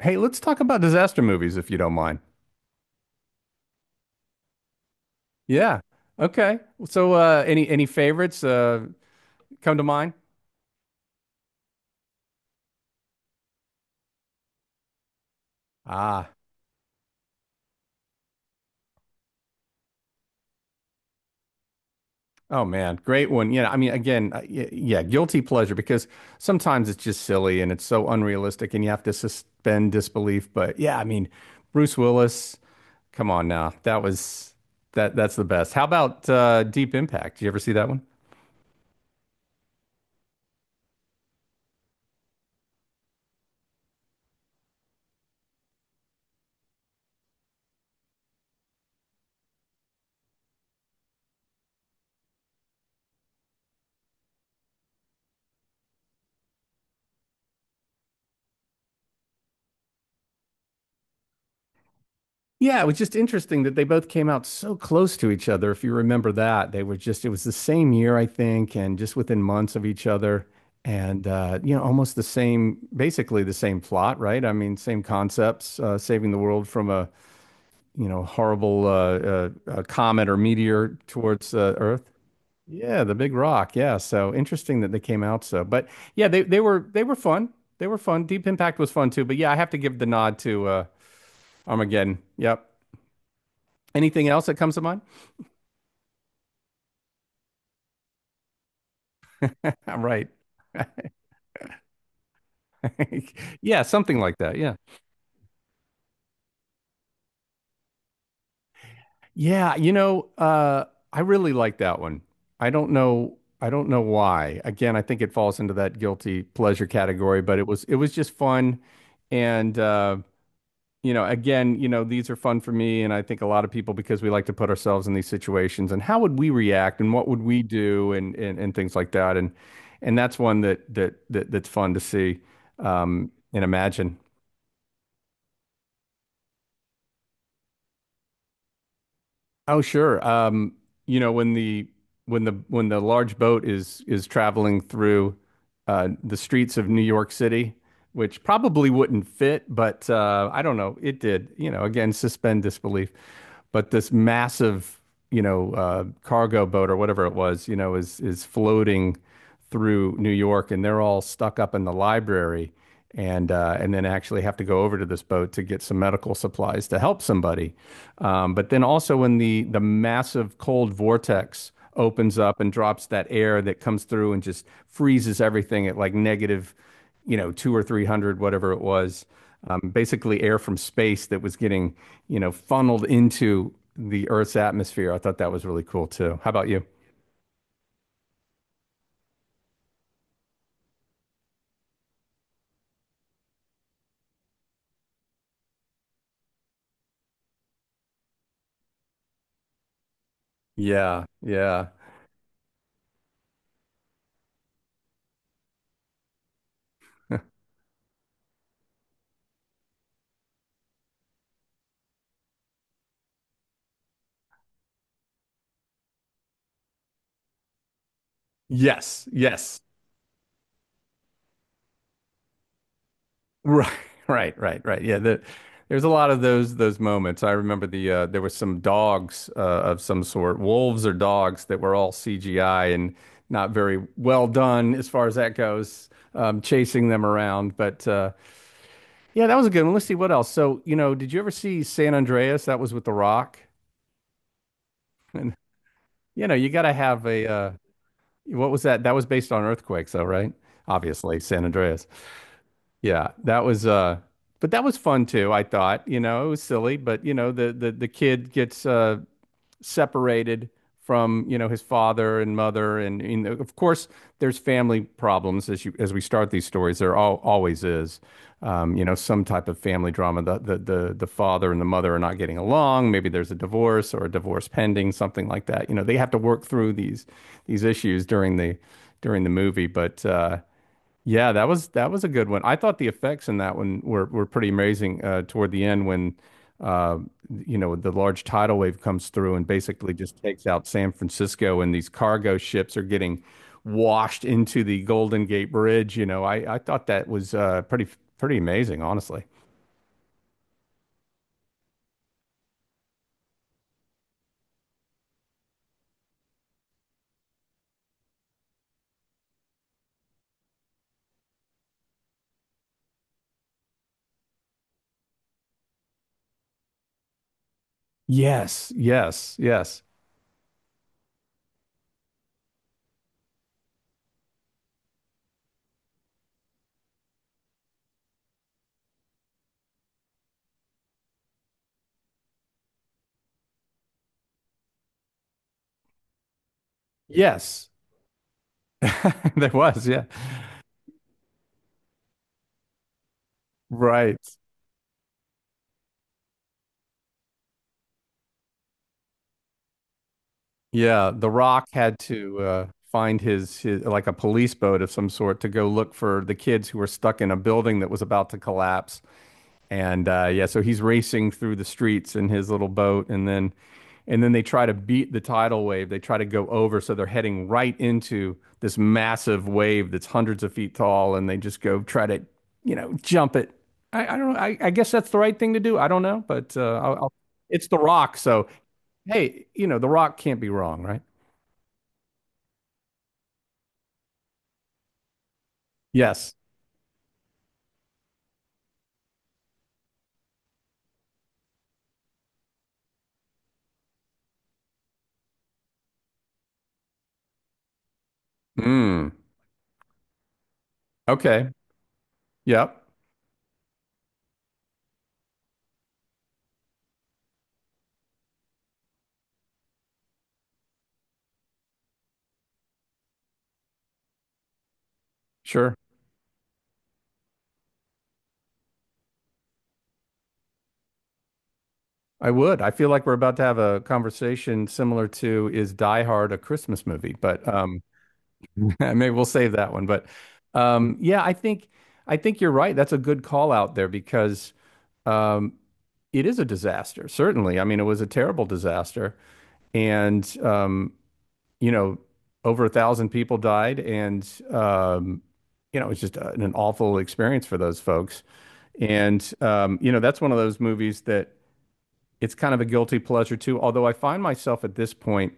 Hey, let's talk about disaster movies if you don't mind. Yeah. Okay. So, any favorites come to mind? Ah, oh man, great one. Yeah, I mean, again, yeah, guilty pleasure because sometimes it's just silly and it's so unrealistic, and you have to suspend disbelief. But yeah, I mean, Bruce Willis, come on now, that was that that's the best. How about Deep Impact? Did you ever see that one? Yeah, it was just interesting that they both came out so close to each other. If you remember that, they were just, it was the same year, I think, and just within months of each other. And, you know, almost the same, basically the same plot, right? I mean, same concepts, saving the world from a, you know, horrible comet or meteor towards Earth. Yeah, the big rock. Yeah. So interesting that they came out so. But yeah, they were fun. They were fun. Deep Impact was fun too. But yeah, I have to give the nod to Armageddon. Yep. Anything else that comes to mind? Right. Yeah, something like that. Yeah. Yeah, you know, I really like that one. I don't know why. Again, I think it falls into that guilty pleasure category, but it was just fun and you know, again, you know, these are fun for me and I think a lot of people because we like to put ourselves in these situations and how would we react and what would we do and and things like that and that's one that's fun to see and imagine. Oh, sure. You know, when the large boat is traveling through the streets of New York City, which probably wouldn't fit, but I don't know, it did. You know, again, suspend disbelief. But this massive, you know, cargo boat or whatever it was, you know, is floating through New York, and they're all stuck up in the library, and then actually have to go over to this boat to get some medical supplies to help somebody. But then also when the massive cold vortex opens up and drops that air that comes through and just freezes everything at like negative, you know, two or three hundred, whatever it was. Basically, air from space that was getting, you know, funneled into the Earth's atmosphere. I thought that was really cool too. How about you? Yeah, yeah. Yes, yes. Right, right, right, right. Yeah, there's a lot of those moments. I remember there was some dogs of some sort, wolves or dogs that were all CGI and not very well done as far as that goes, chasing them around. But yeah, that was a good one. Let's see what else. So, you know, did you ever see San Andreas? That was with The Rock. And you know, you got to have a what was that? That was based on earthquakes, though, right? Obviously, San Andreas. Yeah, that was but that was fun too, I thought. You know, it was silly, but you know, the kid gets separated from, you know, his father and mother and you know, of course there's family problems as we start these stories. There always is. You know, some type of family drama. The father and the mother are not getting along. Maybe there's a divorce or a divorce pending, something like that. You know, they have to work through these issues during the movie, but yeah, that was a good one. I thought the effects in that one were pretty amazing toward the end when uh, you know the large tidal wave comes through and basically just takes out San Francisco and these cargo ships are getting washed into the Golden Gate Bridge. You know, I thought that was pretty amazing, honestly. Yes, yes, yes, yes. There was, yeah, right. Yeah, The Rock had to find his like a police boat of some sort to go look for the kids who were stuck in a building that was about to collapse. And yeah, so he's racing through the streets in his little boat, and then they try to beat the tidal wave. They try to go over, so they're heading right into this massive wave that's hundreds of feet tall, and they just go try to, you know, jump it. I don't know. I guess that's the right thing to do. I don't know, but it's The Rock, so hey, you know, The Rock can't be wrong, right? Yes. Mm. Okay. Yep. Sure. I would. I feel like we're about to have a conversation similar to is Die Hard a Christmas movie? But maybe we'll save that one. But yeah, I think you're right. That's a good call out there because um, it is a disaster. Certainly. I mean, it was a terrible disaster, and you know, over 1,000 people died, and you know, it was just an awful experience for those folks. And you know, that's one of those movies that it's kind of a guilty pleasure too. Although I find myself at this point,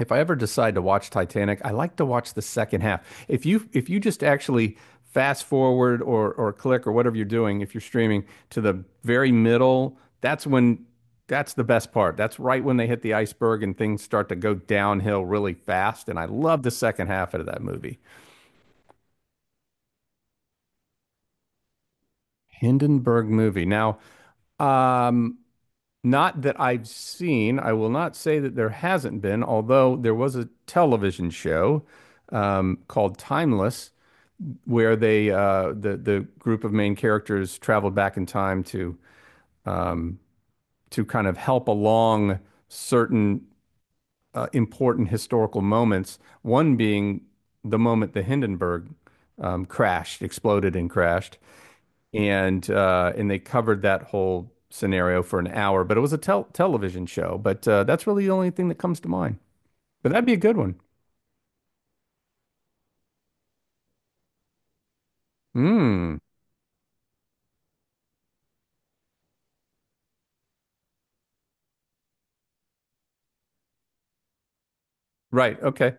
if I ever decide to watch Titanic, I like to watch the second half. If you just actually fast forward or click or whatever you're doing, if you're streaming to the very middle, that's when that's the best part. That's right when they hit the iceberg and things start to go downhill really fast. And I love the second half of that movie. Hindenburg movie. Now, um, Not that I've seen. I will not say that there hasn't been, although there was a television show called Timeless, where the group of main characters traveled back in time um, to kind of help along certain important historical moments. One being the moment the Hindenburg crashed, exploded, and crashed and they covered that whole scenario for an hour. But it was a television show. But that's really the only thing that comes to mind. But that'd be a good one. Hmm. Right. Okay.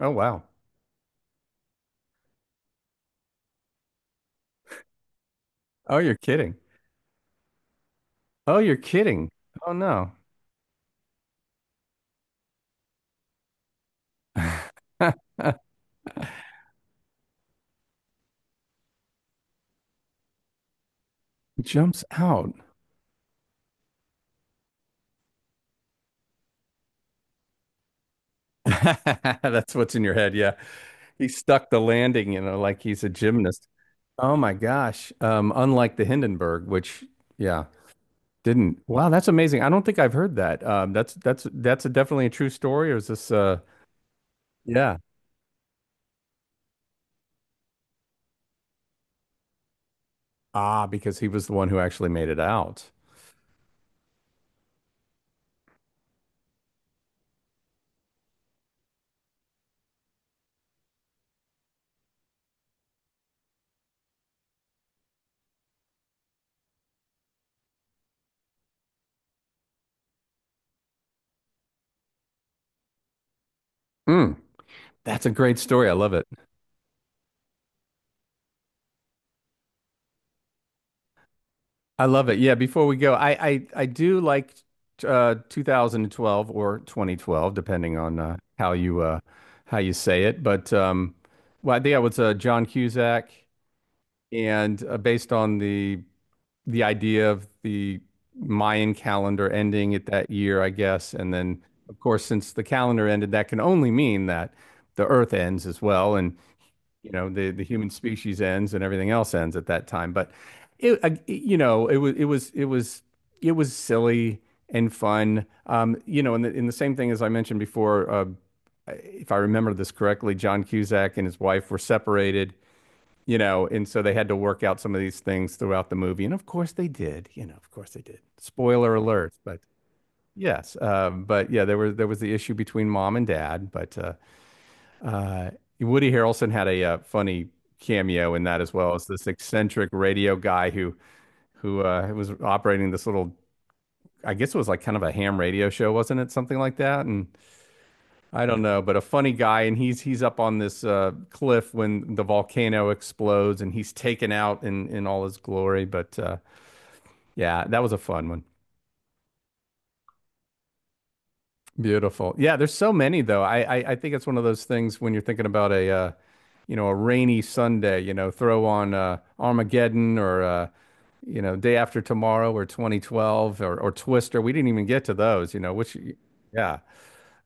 Oh wow. Oh, you're kidding. Oh, you're kidding. Oh no. Jumps out. That's what's in your head. Yeah. He stuck the landing, you know, like he's a gymnast. Oh my gosh. Unlike the Hindenburg, which, yeah, didn't. Wow, that's amazing. I don't think I've heard that. That's a definitely a true story, or is this? Yeah. Ah, because he was the one who actually made it out. Mm, that's a great story. I love it. I love it. Yeah, before we go, I do like 2012 or 2012, depending on how you say it. But well, I think it was John Cusack and based on the idea of the Mayan calendar ending at that year, I guess. And then of course, since the calendar ended, that can only mean that the earth ends as well. And you know, the human species ends and everything else ends at that time. But you know, it was silly and fun. You know, and the same thing as I mentioned before, if I remember this correctly, John Cusack and his wife were separated. You know, and so they had to work out some of these things throughout the movie, and of course they did. You know, of course they did. Spoiler alert, but yes, but yeah, there was the issue between mom and dad, but uh, Woody Harrelson had a funny cameo in that as well as this eccentric radio guy who was operating this little, I guess it was like kind of a ham radio show, wasn't it? Something like that. And I don't know, but a funny guy, and he's up on this cliff when the volcano explodes, and he's taken out in all his glory. But yeah, that was a fun one. Beautiful. Yeah, there's so many though. I think it's one of those things when you're thinking about a rainy Sunday, you know, throw on Armageddon or Day After Tomorrow or 2012 or Twister. We didn't even get to those, you know, which. Yeah.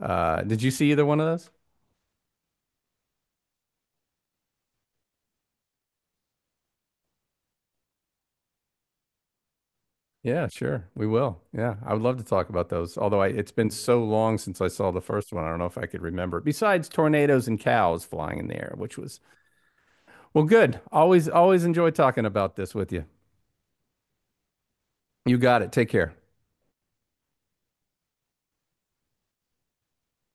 Did you see either one of those? Yeah, sure. We will. Yeah, I would love to talk about those. Although it's been so long since I saw the first one, I don't know if I could remember. Besides tornadoes and cows flying in the air, which was well, good. Always enjoy talking about this with you. You got it. Take care.